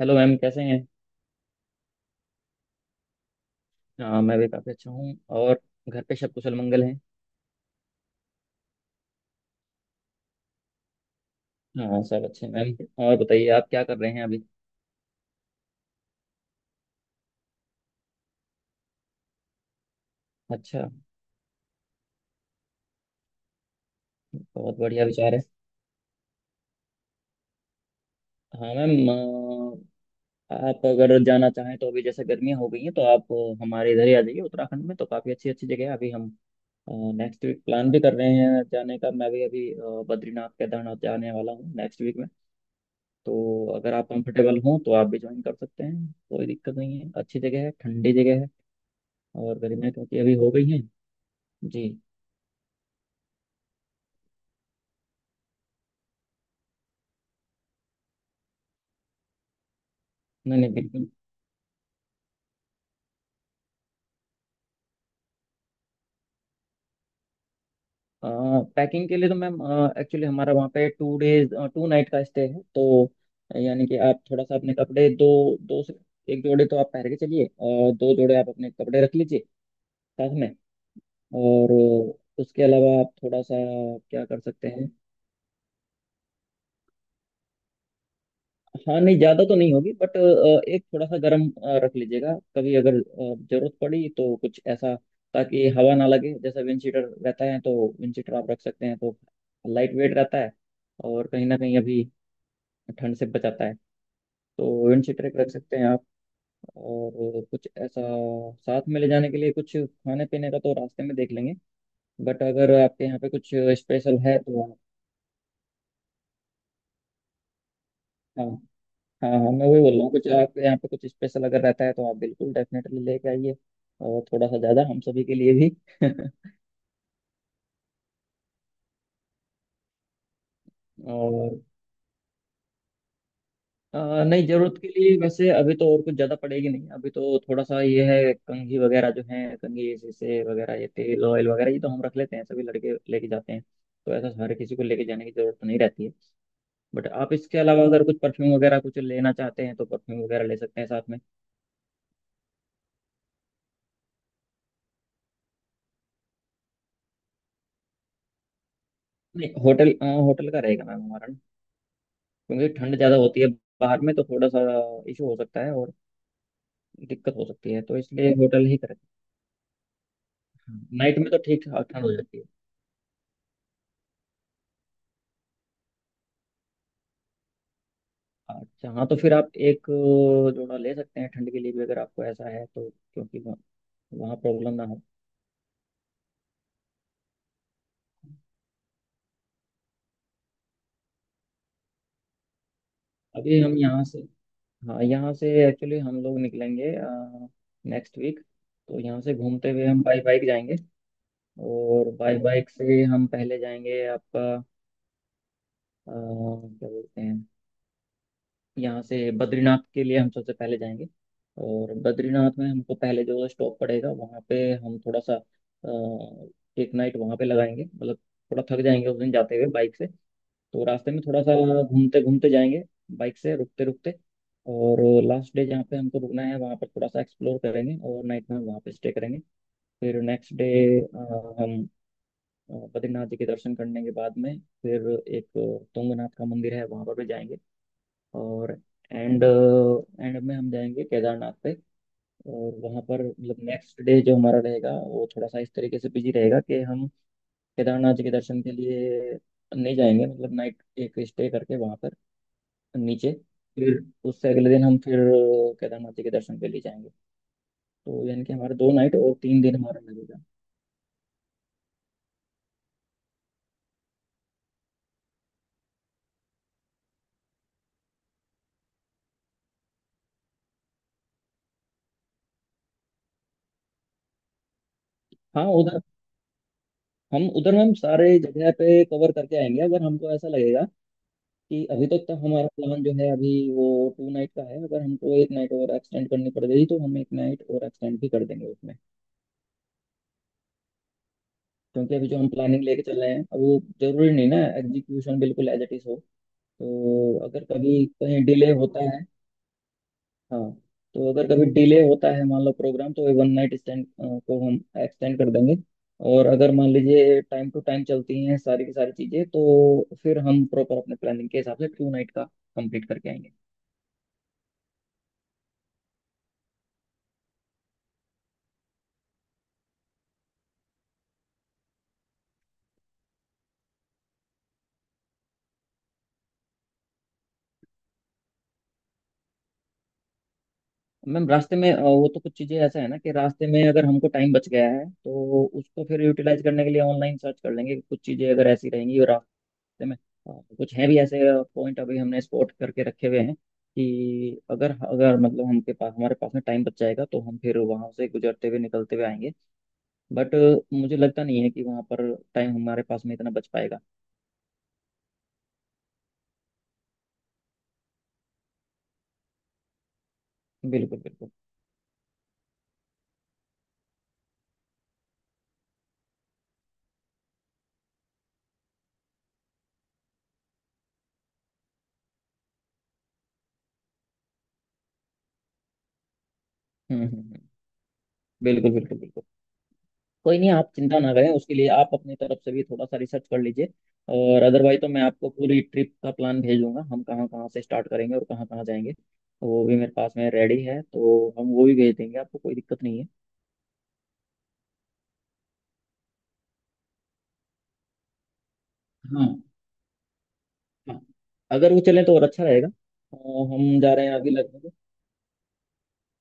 Hello ma'am, कैसे हैं। हाँ, मैं भी काफ़ी अच्छा हूँ और घर पे सब कुशल मंगल हैं। हाँ, सब अच्छे हैं मैम। और बताइए आप क्या कर रहे हैं अभी। अच्छा। बहुत बढ़िया विचार है। हाँ मैम। आप अगर जाना चाहें तो, अभी जैसे गर्मियाँ हो गई हैं, तो आप हमारे इधर ही आ जाइए। उत्तराखंड में तो काफ़ी अच्छी अच्छी जगह है। अभी हम नेक्स्ट वीक प्लान भी कर रहे हैं जाने का। मैं भी अभी बद्रीनाथ केदारनाथ जाने वाला हूँ नेक्स्ट वीक में। तो अगर आप कंफर्टेबल हों तो आप भी ज्वाइन कर सकते हैं। कोई दिक्कत नहीं है। अच्छी जगह है, ठंडी जगह है। और गर्मियाँ क्योंकि अभी हो गई हैं। जी। नहीं नहीं, बिल्कुल। पैकिंग के लिए तो मैम, एक्चुअली हमारा वहाँ पे टू डेज टू नाइट का स्टे है, तो यानी कि आप थोड़ा सा अपने कपड़े दो, दो से एक जोड़े तो आप पहन के चलिए और दो जोड़े आप अपने कपड़े रख लीजिए साथ में। और उसके अलावा आप थोड़ा सा क्या कर सकते हैं। हाँ, नहीं ज्यादा तो नहीं होगी, बट एक थोड़ा सा गर्म रख लीजिएगा, कभी अगर जरूरत पड़ी तो, कुछ ऐसा ताकि हवा ना लगे। जैसा विंड शीटर रहता है, तो विंड शीटर आप रख सकते हैं, तो लाइट वेट रहता है और कहीं ना कहीं अभी ठंड से बचाता है। तो विंड शीटर एक रख सकते हैं आप। और कुछ ऐसा साथ में ले जाने के लिए, कुछ खाने पीने का तो रास्ते में देख लेंगे, बट अगर आपके यहाँ पे कुछ स्पेशल है तो। हाँ हाँ हाँ, मैं वही बोल रहा हूँ, कुछ आपके यहाँ पे कुछ स्पेशल अगर रहता है तो आप बिल्कुल डेफिनेटली लेके आइए, और थोड़ा सा ज़्यादा हम सभी के लिए भी। और नहीं, ज़रूरत के लिए वैसे अभी तो और कुछ ज़्यादा पड़ेगी नहीं। अभी तो थोड़ा सा ये है कंघी वगैरह, जो है कंघी शीशे वगैरह, ये तेल ऑयल वगैरह, ये तो हम रख लेते हैं, सभी लड़के लेके जाते हैं। तो ऐसा हर किसी को लेके जाने की ज़रूरत तो नहीं रहती है। बट आप इसके अलावा अगर कुछ परफ्यूम वगैरह कुछ लेना चाहते हैं तो परफ्यूम वगैरह ले सकते हैं साथ में। नहीं, होटल का रहेगा मैम हमारा, क्योंकि ठंड ज़्यादा होती है। बाहर में तो थोड़ा सा इशू हो सकता है और दिक्कत हो सकती है, तो इसलिए होटल ही करें। नाइट में तो ठीक ठाक ठंड हो जाती है। अच्छा हाँ, तो फिर आप एक जोड़ा ले सकते हैं ठंड के लिए भी, अगर आपको ऐसा है तो, क्योंकि वहाँ प्रॉब्लम ना हो। अभी हम यहाँ से, हाँ, यहाँ से एक्चुअली हम लोग निकलेंगे नेक्स्ट वीक। तो यहाँ से घूमते हुए हम बाई बाइक जाएंगे। और बाई बाइक से हम पहले जाएंगे आपका, क्या बोलते हैं, यहाँ से बद्रीनाथ के लिए हम सबसे पहले जाएंगे। और बद्रीनाथ में हमको पहले जो स्टॉप पड़ेगा, वहाँ पे हम थोड़ा सा एक नाइट वहाँ पे लगाएंगे, मतलब थोड़ा थक जाएंगे उस दिन जाते हुए बाइक से। तो रास्ते में थोड़ा सा घूमते घूमते जाएंगे, बाइक से रुकते रुकते। और लास्ट डे जहाँ पे हमको रुकना है, वहाँ पर थोड़ा सा एक्सप्लोर करेंगे और नाइट में वहाँ पे स्टे करेंगे। फिर नेक्स्ट डे हम बद्रीनाथ जी के दर्शन करने के बाद में, फिर एक तुंगनाथ का मंदिर है, वहाँ पर भी जाएंगे। और एंड एंड में हम जाएंगे केदारनाथ पे। और वहाँ पर मतलब नेक्स्ट डे जो हमारा रहेगा, वो थोड़ा सा इस तरीके से बिजी रहेगा कि हम केदारनाथ जी के दर्शन के लिए नहीं जाएंगे, मतलब नाइट एक स्टे करके वहाँ पर नीचे। फिर उससे अगले दिन हम फिर केदारनाथ जी के दर्शन के लिए जाएंगे। तो यानी कि हमारा दो नाइट और तीन दिन हमारा लगेगा। हाँ उधर, हम सारे जगह पे कवर करके आएंगे, अगर हमको ऐसा लगेगा कि अभी तक तो हमारा प्लान जो है अभी वो टू नाइट का है, अगर हमको एक नाइट और एक्सटेंड करनी पड़ गई तो हम एक नाइट और एक्सटेंड भी कर देंगे उसमें, क्योंकि अभी जो हम प्लानिंग लेके चल रहे हैं, अब वो जरूरी नहीं ना एग्जीक्यूशन बिल्कुल एज इट इज हो। तो अगर कभी कहीं डिले होता है, हाँ, तो अगर कभी डिले होता है, मान लो प्रोग्राम, तो वन नाइट स्टैंड को हम एक्सटेंड कर देंगे। और अगर मान लीजिए टाइम टू टाइम चलती हैं सारी की सारी चीज़ें, तो फिर हम प्रॉपर अपने प्लानिंग के हिसाब से टू नाइट का कंप्लीट करके आएंगे। मैम रास्ते में वो तो कुछ चीज़ें ऐसा है ना, कि रास्ते में अगर हमको टाइम बच गया है तो उसको फिर यूटिलाइज करने के लिए ऑनलाइन सर्च कर लेंगे कुछ चीज़ें अगर ऐसी रहेंगी। और रास्ते में कुछ हैं भी ऐसे पॉइंट अभी हमने स्पॉट करके रखे हुए हैं, कि अगर अगर मतलब हमके पास हमारे पास में टाइम बच जाएगा तो हम फिर वहाँ से गुजरते हुए निकलते हुए आएंगे। बट मुझे लगता नहीं है कि वहाँ पर टाइम हमारे पास में इतना बच पाएगा। बिल्कुल बिल्कुल। हम्म। बिल्कुल बिल्कुल बिल्कुल। कोई नहीं, आप चिंता ना करें, उसके लिए आप अपनी तरफ से भी थोड़ा सा रिसर्च कर लीजिए। और अदरवाइज तो मैं आपको पूरी ट्रिप का प्लान भेजूंगा, हम कहाँ कहाँ से स्टार्ट करेंगे और कहाँ कहाँ जाएंगे, वो भी मेरे पास में रेडी है, तो हम वो भी भेज देंगे आपको, कोई दिक्कत नहीं है। हाँ। हाँ, अगर वो चलें तो और अच्छा रहेगा। अ, हम जा रहे हैं अभी लगभग,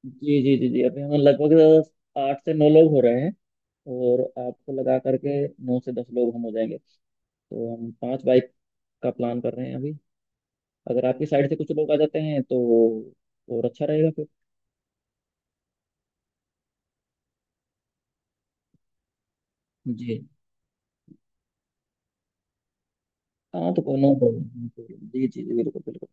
जी जी जी जी, अभी हम लगभग आठ से नौ लोग हो रहे हैं। और आपको लगा करके नौ से दस लोग हम हो जाएंगे। तो हम पांच बाइक का प्लान कर रहे हैं अभी। अगर आपकी साइड से कुछ लोग आ जाते हैं तो और अच्छा रहेगा फिर। जी। हाँ, तो नो प्रॉब्लम, जी जी जी, बिल्कुल बिल्कुल।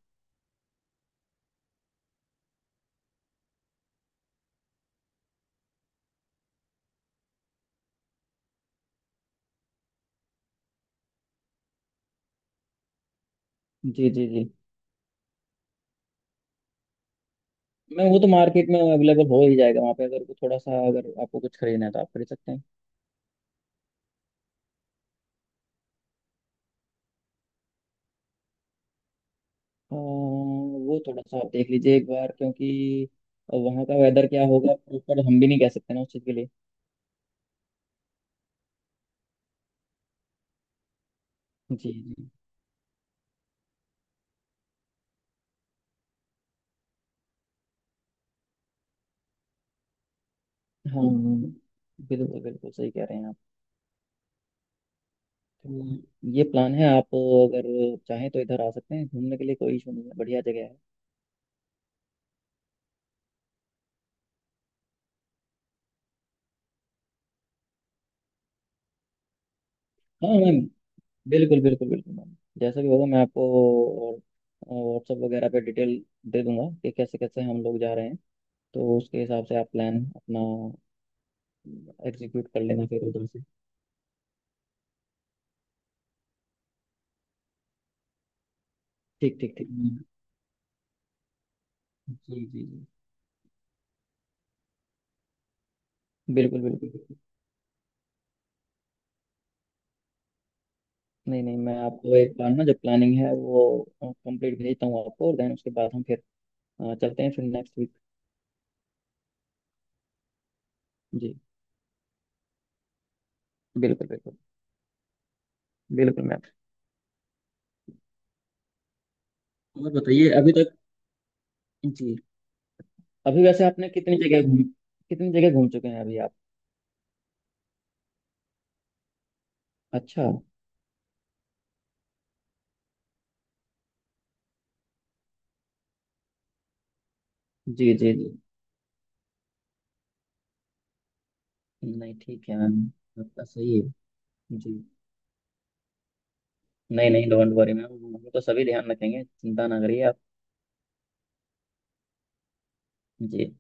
जी जी जी, मैं, वो तो मार्केट में अवेलेबल हो ही जाएगा वहाँ पे, अगर वो थोड़ा सा, अगर आपको कुछ खरीदना है तो आप खरीद सकते हैं। वो थोड़ा सा आप देख लीजिए एक बार, क्योंकि वहाँ का वेदर क्या होगा प्रॉपर हम भी नहीं कह सकते ना, उस चीज़ के लिए। जी जी। हाँ, बिल्कुल बिल्कुल सही कह रहे हैं आप। तो ये प्लान है, आप अगर चाहें तो इधर आ सकते हैं घूमने के लिए, कोई इशू नहीं है, बढ़िया जगह है। हाँ मैं, बिल्कुल बिल्कुल बिल्कुल मैम, जैसा भी होगा मैं आपको व्हाट्सएप वगैरह पे डिटेल दे दूंगा कि कैसे कैसे हम लोग जा रहे हैं। तो उसके हिसाब से आप प्लान अपना एग्जीक्यूट कर लेना फिर उधर से। ठीक ठीक ठीक मैम। जी जी जी, बिल्कुल बिल्कुल बिल्कुल। नहीं नहीं, मैं आपको एक प्लान ना जो प्लानिंग है वो कंप्लीट भेजता हूँ आपको, और देन उसके बाद हम फिर चलते हैं फिर नेक्स्ट वीक। जी, बिल्कुल बिल्कुल बिल्कुल मैम। और बताइए अभी तक, जी, अभी वैसे आपने कितनी जगह घूम चुके हैं अभी आप? अच्छा। जी जी जी। नहीं ठीक है मैम, आपका सही है। जी। नहीं नहीं, डोंट वरी मैम, हम तो सभी ध्यान रखेंगे, चिंता ना करिए आप। जी,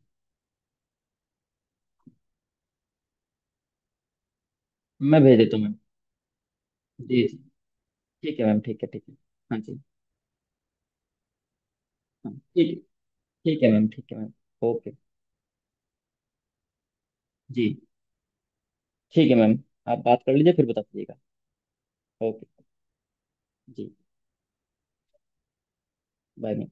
मैं भेज देता हूँ मैम। जी जी। ठीक है मैम, ठीक है ठीक है। हाँ जी। हाँ ठीक है। ठीक है मैम, ठीक है मैम। ओके। जी। ठीक है मैम, आप बात कर लीजिए फिर बता दीजिएगा। ओके। जी। Bye ma'am.